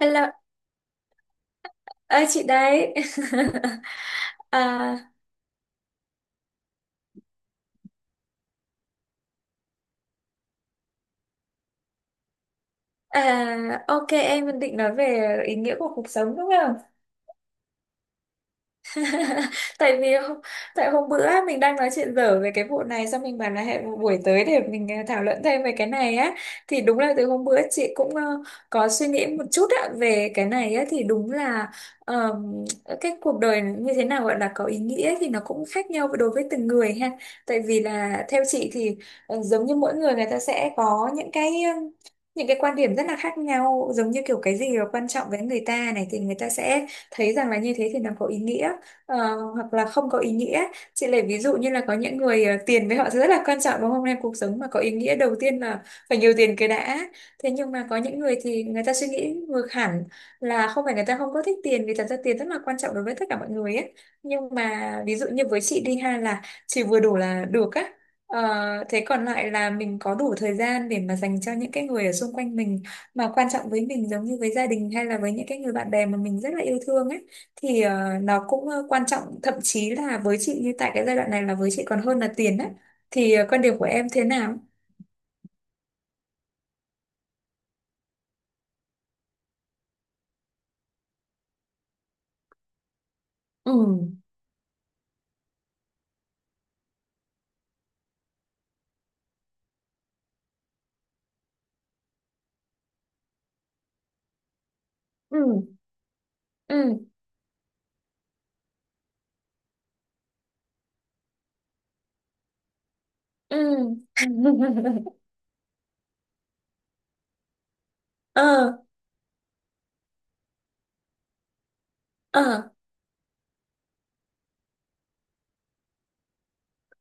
Hello, ơi chị đấy. à, ok em định nói về ý nghĩa của cuộc sống đúng không? tại vì hôm- Tại hôm bữa á, mình đang nói chuyện dở về cái vụ này xong mình bảo là hẹn một buổi tới để mình thảo luận thêm về cái này á. Thì đúng là từ hôm bữa chị cũng có suy nghĩ một chút á, về cái này á. Thì đúng là ờm, cái cuộc đời như thế nào gọi là có ý nghĩa thì nó cũng khác nhau đối với từng người ha. Tại vì là theo chị thì giống như mỗi người người ta sẽ có những cái những cái quan điểm rất là khác nhau, giống như kiểu cái gì là quan trọng với người ta này thì người ta sẽ thấy rằng là như thế thì nó có ý nghĩa, hoặc là không có ý nghĩa. Chị lấy ví dụ như là có những người tiền với họ rất là quan trọng đúng không em, cuộc sống mà có ý nghĩa đầu tiên là phải nhiều tiền cái đã. Thế nhưng mà có những người thì người ta suy nghĩ ngược hẳn, là không phải người ta không có thích tiền, vì thật ra tiền rất là quan trọng đối với tất cả mọi người ấy, nhưng mà ví dụ như với chị đi ha, là chỉ vừa đủ là được á. Ờ, thế còn lại là mình có đủ thời gian để mà dành cho những cái người ở xung quanh mình mà quan trọng với mình, giống như với gia đình hay là với những cái người bạn bè mà mình rất là yêu thương á, thì nó cũng quan trọng, thậm chí là với chị như tại cái giai đoạn này là với chị còn hơn là tiền á. Thì quan điểm của em thế nào? Ừ. Ừ. Ừ. Ừ. ờ ờ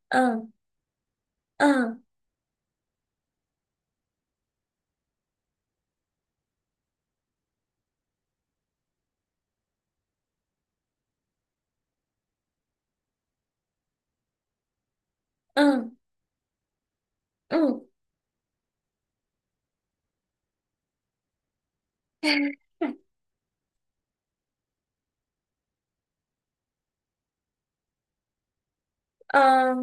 ờ ờ ờ ừ. Ờ,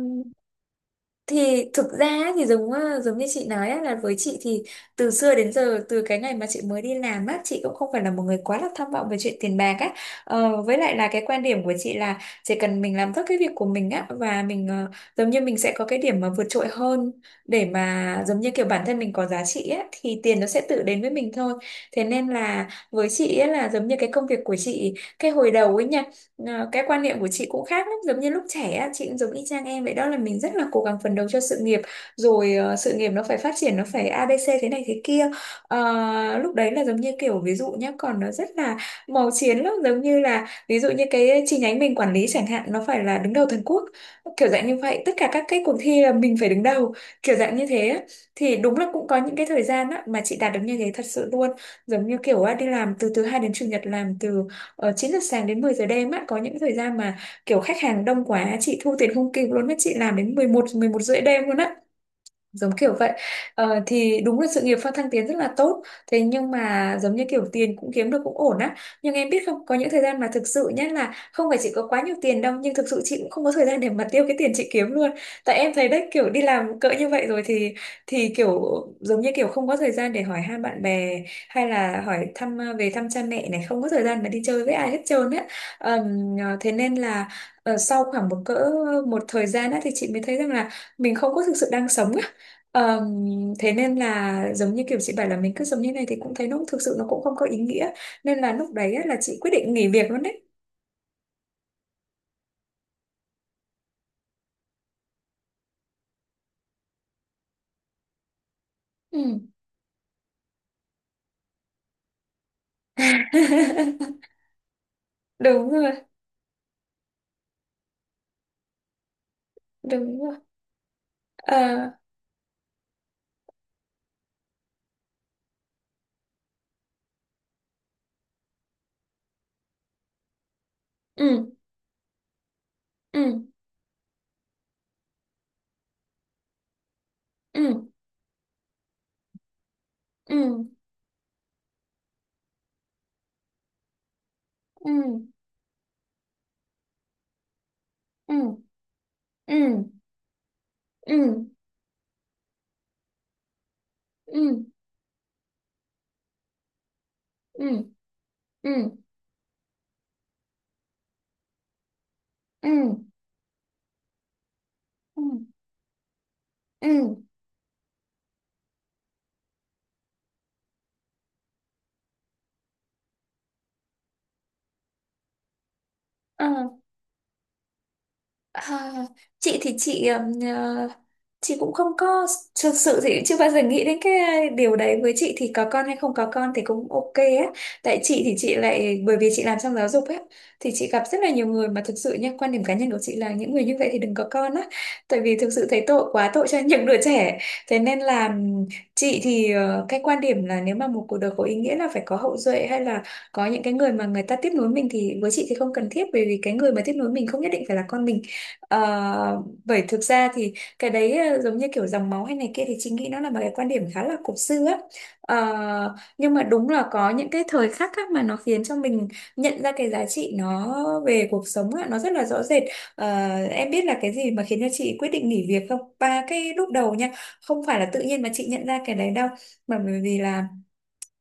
thì thực ra ấy, thì giống giống như chị nói á, là với chị thì từ xưa đến giờ, từ cái ngày mà chị mới đi làm á, chị cũng không phải là một người quá là tham vọng về chuyện tiền bạc á. Ờ, với lại là cái quan điểm của chị là chỉ cần mình làm tốt cái việc của mình á và mình giống như mình sẽ có cái điểm mà vượt trội hơn, để mà giống như kiểu bản thân mình có giá trị á, thì tiền nó sẽ tự đến với mình thôi. Thế nên là với chị ấy, là giống như cái công việc của chị cái hồi đầu ấy nha. Ờ, cái quan niệm của chị cũng khác lắm, giống như lúc trẻ á, chị cũng giống y chang em vậy đó, là mình rất là cố gắng phấn đấu cho sự nghiệp, rồi sự nghiệp nó phải phát triển, nó phải a ABC thế này thế kia. Ờ, lúc đấy là giống như kiểu ví dụ nhé, còn nó rất là màu chiến lắm, giống như là ví dụ như cái chi nhánh mình quản lý chẳng hạn nó phải là đứng đầu toàn quốc, kiểu dạng như vậy, tất cả các cái cuộc thi là mình phải đứng đầu, kiểu dạng như thế á. Thì đúng là cũng có những cái thời gian á, mà chị đạt được như thế thật sự luôn, giống như kiểu á, đi làm từ thứ hai đến chủ nhật, làm từ ở 9 giờ sáng đến 10 giờ đêm á, có những thời gian mà kiểu khách hàng đông quá chị thu tiền không kịp luôn á, chị làm đến mười một rưỡi đêm luôn á, giống kiểu vậy. Ờ, thì đúng là sự nghiệp phát Thăng Tiến rất là tốt, thế nhưng mà giống như kiểu tiền cũng kiếm được cũng ổn á, nhưng em biết không, có những thời gian mà thực sự nhá, là không phải chị có quá nhiều tiền đâu, nhưng thực sự chị cũng không có thời gian để mà tiêu cái tiền chị kiếm luôn. Tại em thấy đấy, kiểu đi làm cỡ như vậy rồi thì kiểu giống như kiểu không có thời gian để hỏi han bạn bè, hay là hỏi thăm về thăm cha mẹ này, không có thời gian mà đi chơi với ai hết trơn á. Thế nên là sau khoảng một cỡ một thời gian á, thì chị mới thấy rằng là mình không có thực sự đang sống. Ờm, Thế nên là giống như kiểu chị bảo là mình cứ giống như này thì cũng thấy nó thực sự nó cũng không có ý nghĩa, nên là lúc đấy á, là chị quyết định nghỉ việc luôn đấy. Ừ. Đúng rồi, đúng rồi. Ờ, ừ. Ừ. Ừ. Ừ. Ừ. Ừ. Ừ. Ừ. Ừ. Ừ. Ừ. Ừ. Ừ. Ừ. Ừ. À, chị thì chị chị cũng không có, thực sự thì chưa bao giờ nghĩ đến cái điều đấy, với chị thì có con hay không có con thì cũng ok á. Tại chị thì chị lại bởi vì chị làm trong giáo dục á, thì chị gặp rất là nhiều người mà thực sự nha, quan điểm cá nhân của chị là những người như vậy thì đừng có con á. Tại vì thực sự thấy tội quá, tội cho những đứa trẻ. Thế nên là chị thì cái quan điểm là nếu mà một cuộc đời có ý nghĩa là phải có hậu duệ hay là có những cái người mà người ta tiếp nối mình, thì với chị thì không cần thiết, bởi vì cái người mà tiếp nối mình không nhất định phải là con mình. Ờ, bởi thực ra thì cái đấy giống như kiểu dòng máu hay này kia, thì chị nghĩ nó là một cái quan điểm khá là cổ xưa á. Ờ, nhưng mà đúng là có những cái thời khắc á mà nó khiến cho mình nhận ra cái giá trị nó về cuộc sống á, nó rất là rõ rệt. Ờ, em biết là cái gì mà khiến cho chị quyết định nghỉ việc không? Ba cái lúc đầu nha, không phải là tự nhiên mà chị nhận ra cái đấy đâu, mà bởi vì là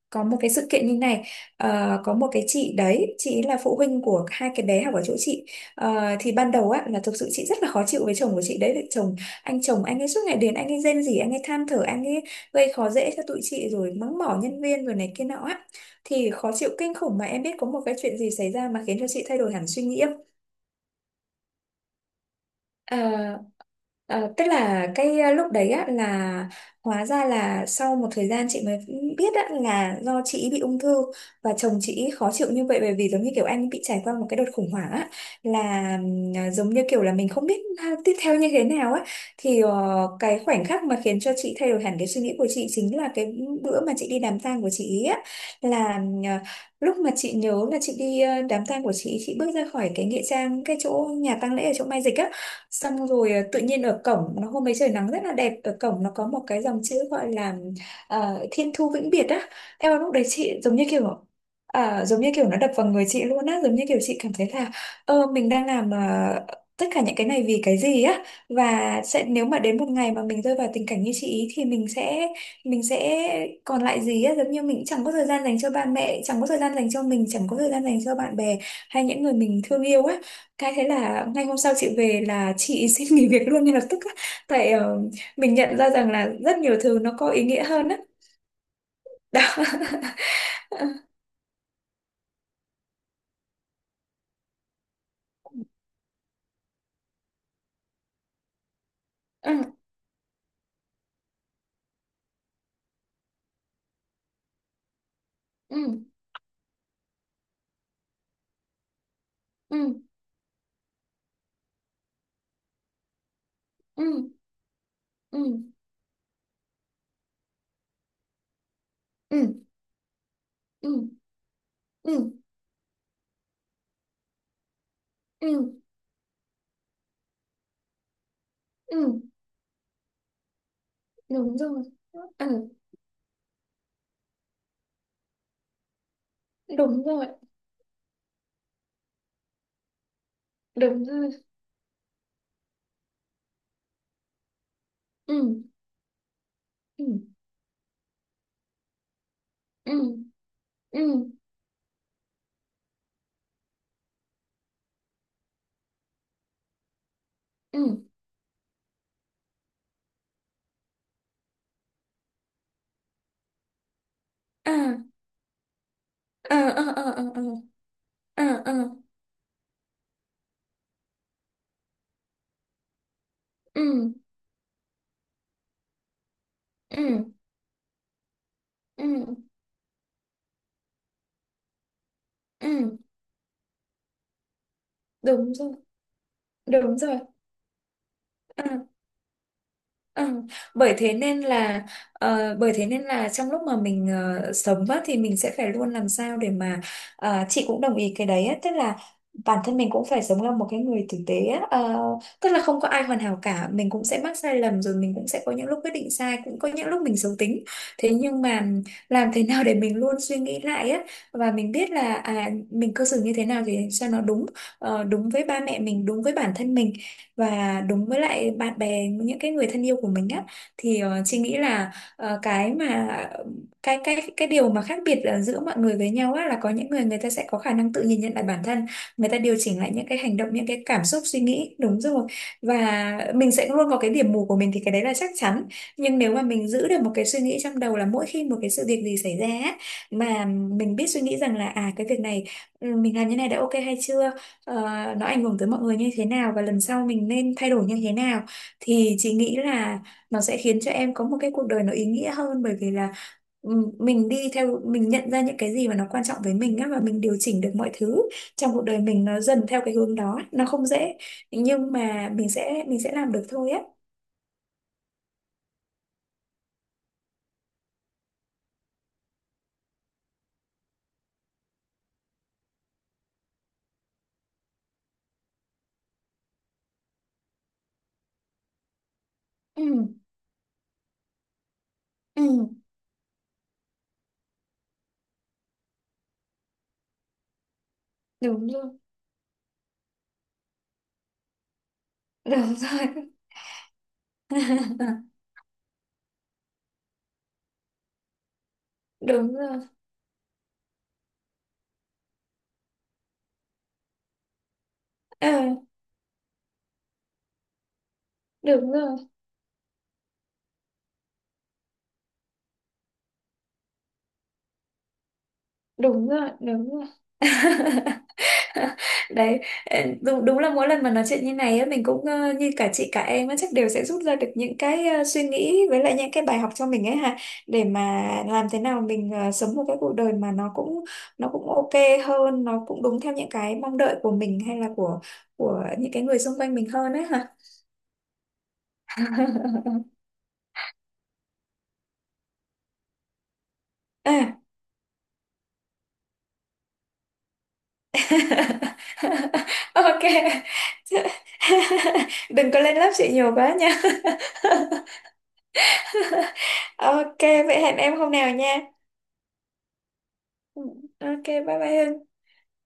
có một cái sự kiện như này. Có một cái chị đấy, chị ấy là phụ huynh của hai cái bé học ở chỗ chị. Ờ, thì ban đầu á là thực sự chị rất là khó chịu với chồng của chị đấy. Vì chồng Anh chồng, anh ấy suốt ngày đến anh ấy rên rỉ, anh ấy than thở, anh ấy gây khó dễ cho tụi chị, rồi mắng mỏ nhân viên rồi này kia nọ á, thì khó chịu kinh khủng. Mà em biết có một cái chuyện gì xảy ra mà khiến cho chị thay đổi hẳn suy nghĩ. Ờ, ờ, Tức là cái lúc đấy á là hóa ra là sau một thời gian chị mới biết á, là do chị ý bị ung thư, và chồng chị ý khó chịu như vậy bởi vì giống như kiểu anh bị trải qua một cái đợt khủng hoảng á, là giống như kiểu là mình không biết tiếp theo như thế nào á. Thì cái khoảnh khắc mà khiến cho chị thay đổi hẳn cái suy nghĩ của chị chính là cái bữa mà chị đi đám tang của chị ý á, là lúc mà chị nhớ là chị đi đám tang của chị ý, chị bước ra khỏi cái nghĩa trang, cái chỗ nhà tang lễ ở chỗ Mai Dịch á, xong rồi tự nhiên ở cổng nó, hôm ấy trời nắng rất là đẹp, ở cổng nó có một cái dòng chữ gọi là Thiên Thu Vĩnh Biệt á. Em lúc đấy chị giống như kiểu giống như kiểu nó đập vào người chị luôn á, giống như kiểu chị cảm thấy là ơ mình đang làm tất cả những cái này vì cái gì á, và sẽ nếu mà đến một ngày mà mình rơi vào tình cảnh như chị ý thì mình sẽ còn lại gì á, giống như mình chẳng có thời gian dành cho ba mẹ, chẳng có thời gian dành cho mình, chẳng có thời gian dành cho bạn bè hay những người mình thương yêu á. Cái thế là ngay hôm sau chị về là chị xin nghỉ việc luôn ngay lập tức á. Tại mình nhận ra rằng là rất nhiều thứ nó có ý nghĩa hơn á. Đó. Ừ, ừ, ừ, ừ, ừ, ừ, ừ, ừ, ừ, ừ, đúng rồi. Ừ, đúng rồi, đúng rồi. Ừ, ừ, ừ, ừ, ừ. À, à, à, à, à, à, à, à, ừ, ừ, ừ, ừ, đúng rồi, đúng rồi. À, ừ, bởi thế nên là trong lúc mà mình sống á, thì mình sẽ phải luôn làm sao để mà chị cũng đồng ý cái đấy á, tức là bản thân mình cũng phải sống là một cái người tử tế á, tức là không có ai hoàn hảo cả, mình cũng sẽ mắc sai lầm, rồi mình cũng sẽ có những lúc quyết định sai, cũng có những lúc mình xấu tính, thế nhưng mà làm thế nào để mình luôn suy nghĩ lại á, và mình biết là mình cư xử như thế nào thì cho nó đúng, đúng với ba mẹ mình, đúng với bản thân mình, và đúng với lại bạn bè, những cái người thân yêu của mình á. Thì chị nghĩ là cái mà cái điều mà khác biệt giữa mọi người với nhau á, là có những người người ta sẽ có khả năng tự nhìn nhận lại bản thân, người ta điều chỉnh lại những cái hành động, những cái cảm xúc, suy nghĩ đúng rồi. Và mình sẽ luôn có cái điểm mù của mình, thì cái đấy là chắc chắn, nhưng nếu mà mình giữ được một cái suy nghĩ trong đầu là mỗi khi một cái sự việc gì xảy ra á, mà mình biết suy nghĩ rằng là à cái việc này, ừ, mình làm như này đã ok hay chưa, ờ, nó ảnh hưởng tới mọi người như thế nào và lần sau mình nên thay đổi như thế nào, thì chị nghĩ là nó sẽ khiến cho em có một cái cuộc đời nó ý nghĩa hơn, bởi vì là mình đi theo mình nhận ra những cái gì mà nó quan trọng với mình á, và mình điều chỉnh được mọi thứ trong cuộc đời mình nó dần theo cái hướng đó. Nó không dễ, nhưng mà mình sẽ làm được thôi á. Ừ. Ừ. Đúng rồi, đúng rồi. Đúng rồi. Ờ, đúng rồi, đúng rồi, đúng rồi. Đấy. Đúng, đúng là mỗi lần mà nói chuyện như này á, mình cũng như cả chị cả em á, chắc đều sẽ rút ra được những cái suy nghĩ với lại những cái bài học cho mình ấy ha, để mà làm thế nào mình sống một cái cuộc đời mà nó cũng ok hơn, nó cũng đúng theo những cái mong đợi của mình hay là của những cái người xung quanh mình hơn ấy ha. À. Ok. Đừng có lên lớp chị nhiều quá nha. Ok, vậy hẹn em hôm nào nha. Ừ. Ok, bye bye Hưng.